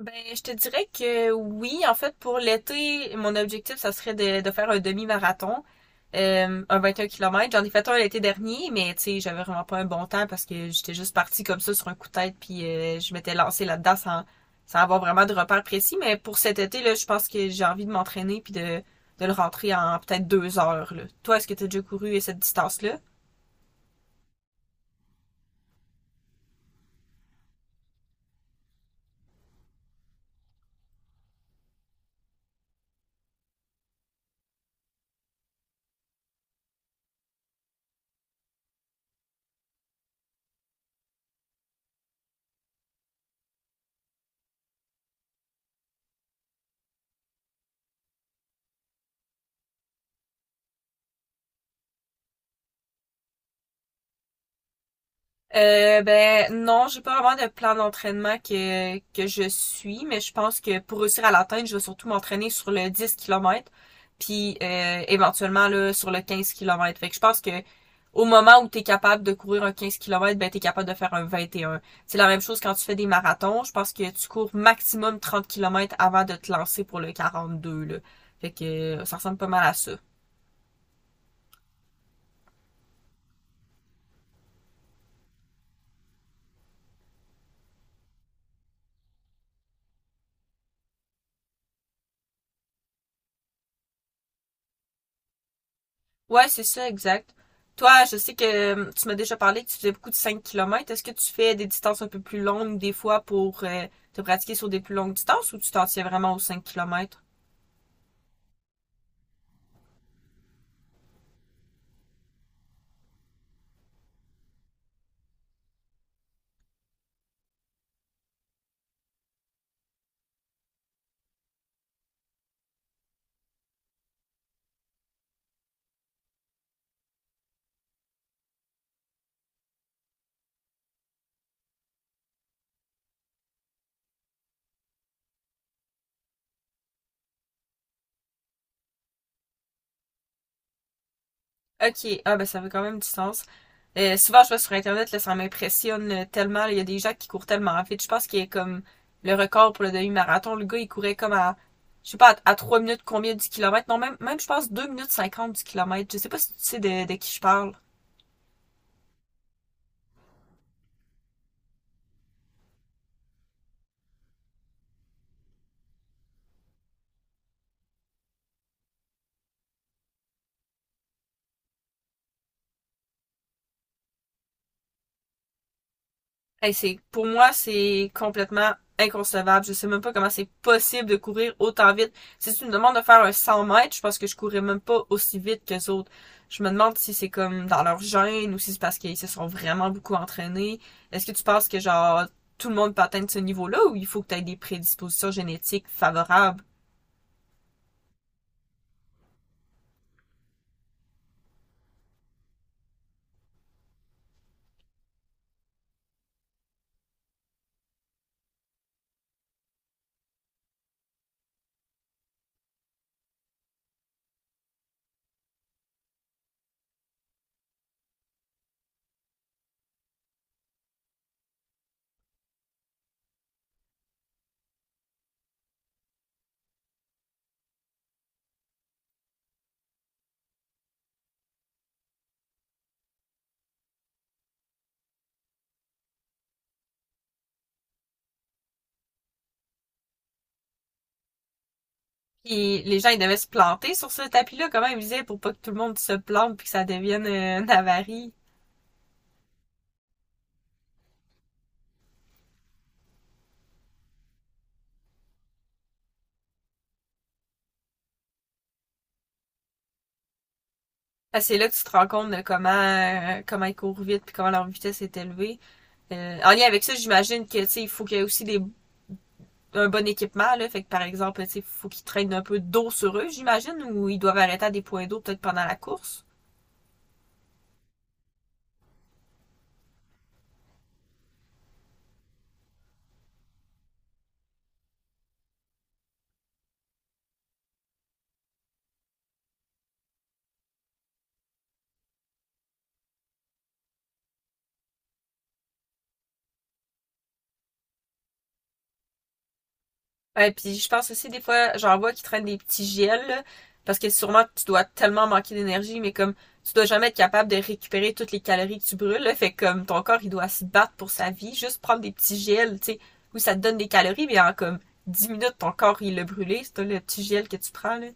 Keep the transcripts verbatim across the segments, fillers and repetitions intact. Ben, je te dirais que oui, en fait, pour l'été, mon objectif, ça serait de, de faire un demi-marathon, euh, un vingt et un kilomètres. J'en ai fait un l'été dernier, mais tu sais, j'avais vraiment pas un bon temps parce que j'étais juste partie comme ça sur un coup de tête, puis euh, je m'étais lancée là-dedans sans, sans avoir vraiment de repères précis. Mais pour cet été, là, je pense que j'ai envie de m'entraîner puis de, de le rentrer en peut-être deux heures, là. Toi, est-ce que tu as déjà couru cette distance-là? Euh, ben non, j'ai pas vraiment de plan d'entraînement que, que je suis, mais je pense que pour réussir à l'atteindre, je vais surtout m'entraîner sur le dix kilomètres, puis euh, éventuellement là, sur le quinze kilomètres. Fait que je pense que au moment où tu es capable de courir un quinze kilomètres, ben tu es capable de faire un vingt et un. C'est la même chose quand tu fais des marathons, je pense que tu cours maximum trente kilomètres avant de te lancer pour le quarante-deux là. Fait que euh, ça ressemble pas mal à ça. Ouais, c'est ça, exact. Toi, je sais que hum, tu m'as déjà parlé que tu faisais beaucoup de cinq kilomètres. Est-ce que tu fais des distances un peu plus longues des fois pour euh, te pratiquer sur des plus longues distances ou tu t'en tiens vraiment aux cinq kilomètres? Ok, ah ben ça fait quand même distance. Euh, souvent, je vois sur Internet, là, ça m'impressionne euh, tellement, là. Il y a des gens qui courent tellement vite. Je pense qu'il y a comme le record pour le demi-marathon. Le gars, il courait comme à, je sais pas, à, à trois minutes combien du kilomètre. Non, même, même je pense deux minutes cinquante du kilomètre. Je sais pas si tu sais de, de qui je parle. Hey, c'est, pour moi, c'est complètement inconcevable. Je sais même pas comment c'est possible de courir autant vite. Si tu me demandes de faire un cent mètres, je pense que je courrais même pas aussi vite que les autres. Je me demande si c'est comme dans leur gène ou si c'est parce qu'ils se sont vraiment beaucoup entraînés. Est-ce que tu penses que genre tout le monde peut atteindre ce niveau-là ou il faut que tu aies des prédispositions génétiques favorables? Puis les gens, ils devaient se planter sur ce tapis-là, comment ils disaient, pour pas que tout le monde se plante puis que ça devienne euh, une avarie. Ah, c'est là que tu te rends compte de comment euh, comment ils courent vite puis comment leur vitesse est élevée. Euh, en lien avec ça, j'imagine que tu sais, il faut qu'il y ait aussi des un bon équipement là, fait que par exemple, tu sais, il faut qu'ils traînent un peu d'eau sur eux, j'imagine, ou ils doivent arrêter à des points d'eau peut-être pendant la course. Ouais, puis je pense aussi des fois, j'en vois qui traînent des petits gels, là, parce que sûrement tu dois tellement manquer d'énergie, mais comme tu dois jamais être capable de récupérer toutes les calories que tu brûles, là, fait que comme ton corps il doit se battre pour sa vie, juste prendre des petits gels, tu sais, où ça te donne des calories, mais en comme dix minutes ton corps il l'a brûlé, c'est le petit gel que tu prends là.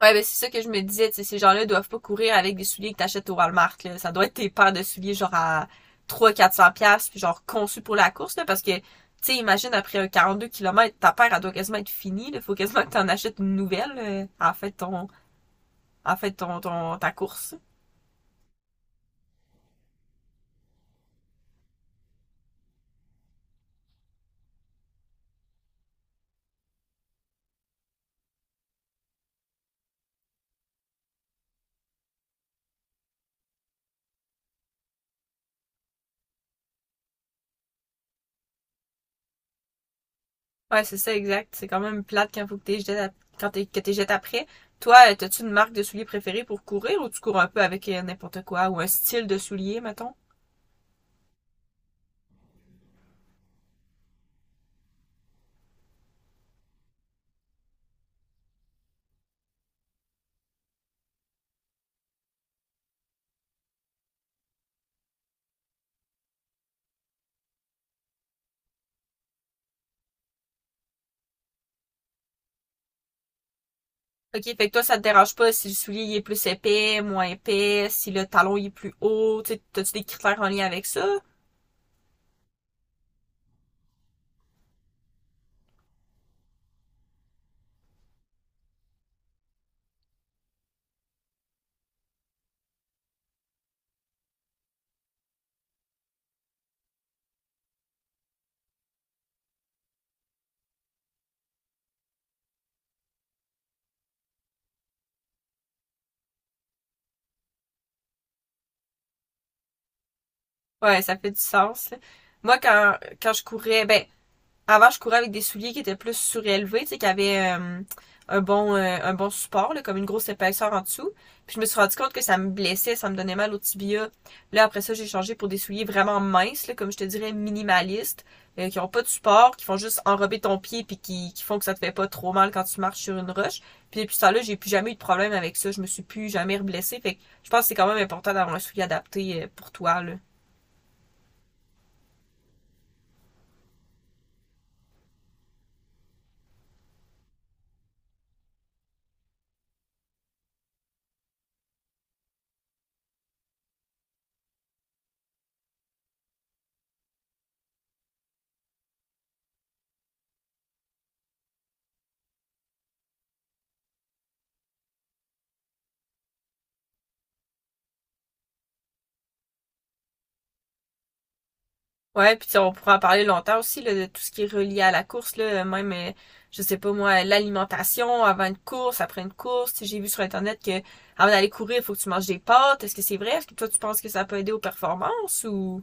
Ouais, ben c'est ça que je me disais, tu sais, ces gens-là doivent pas courir avec des souliers que t'achètes au Walmart, là. Ça doit être tes paires de souliers, genre, à trois, cents quatre cents piastres, puis genre, conçus pour la course, là, parce que, tu sais, imagine, après un quarante-deux kilomètres, ta paire, elle doit quasiment être finie, là. Faut quasiment que t'en achètes une nouvelle, euh, en fait, ton, en fait, ton, ton, ta course. Ouais, c'est ça, exact. C'est quand même plate quand faut que t'es jeté, quand t'es, que t'es jeté après. Toi, euh, t'as-tu une marque de souliers préférée pour courir, ou tu cours un peu avec euh, n'importe quoi, ou un style de souliers, mettons? OK, fait que toi, ça te dérange pas si le soulier il est plus épais, moins épais, si le talon il est plus haut, tu sais, t'as-tu des critères en lien avec ça? Ouais, ça fait du sens, là. Moi, quand, quand je courais, ben, avant, je courais avec des souliers qui étaient plus surélevés, tu sais, qui avaient euh, un bon euh, un bon support, là, comme une grosse épaisseur en dessous. Puis je me suis rendu compte que ça me blessait, ça me donnait mal au tibia. Là, après ça, j'ai changé pour des souliers vraiment minces, là, comme je te dirais, minimalistes, euh, qui n'ont pas de support, qui font juste enrober ton pied puis qui, qui font que ça te fait pas trop mal quand tu marches sur une roche. Puis depuis ça là, j'ai plus jamais eu de problème avec ça. Je me suis plus jamais reblessée. Fait que je pense que c'est quand même important d'avoir un soulier adapté euh, pour toi, là. Ouais, puis tu sais, on pourra en parler longtemps aussi là, de tout ce qui est relié à la course là, même euh, je sais pas moi, l'alimentation avant une course, après une course. Tu sais, j'ai vu sur internet que avant d'aller courir, il faut que tu manges des pâtes. Est-ce que c'est vrai? Est-ce que toi tu penses que ça peut aider aux performances ou?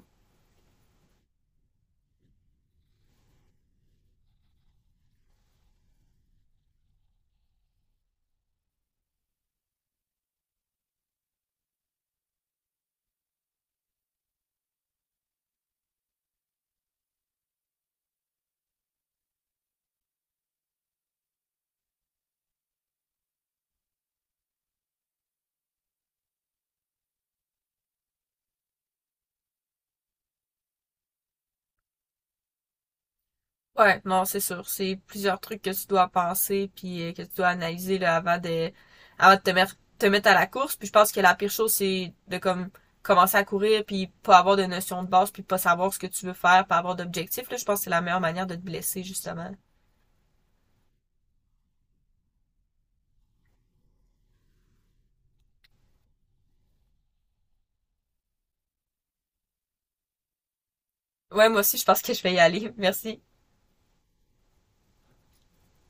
Ouais, non, c'est sûr, c'est plusieurs trucs que tu dois penser puis euh, que tu dois analyser là avant de avant de te mettre te mettre à la course. Puis je pense que la pire chose c'est de comme commencer à courir puis pas avoir de notion de base puis pas savoir ce que tu veux faire, pas avoir d'objectif là, je pense que c'est la meilleure manière de te blesser justement. Ouais, moi aussi, je pense que je vais y aller. Merci.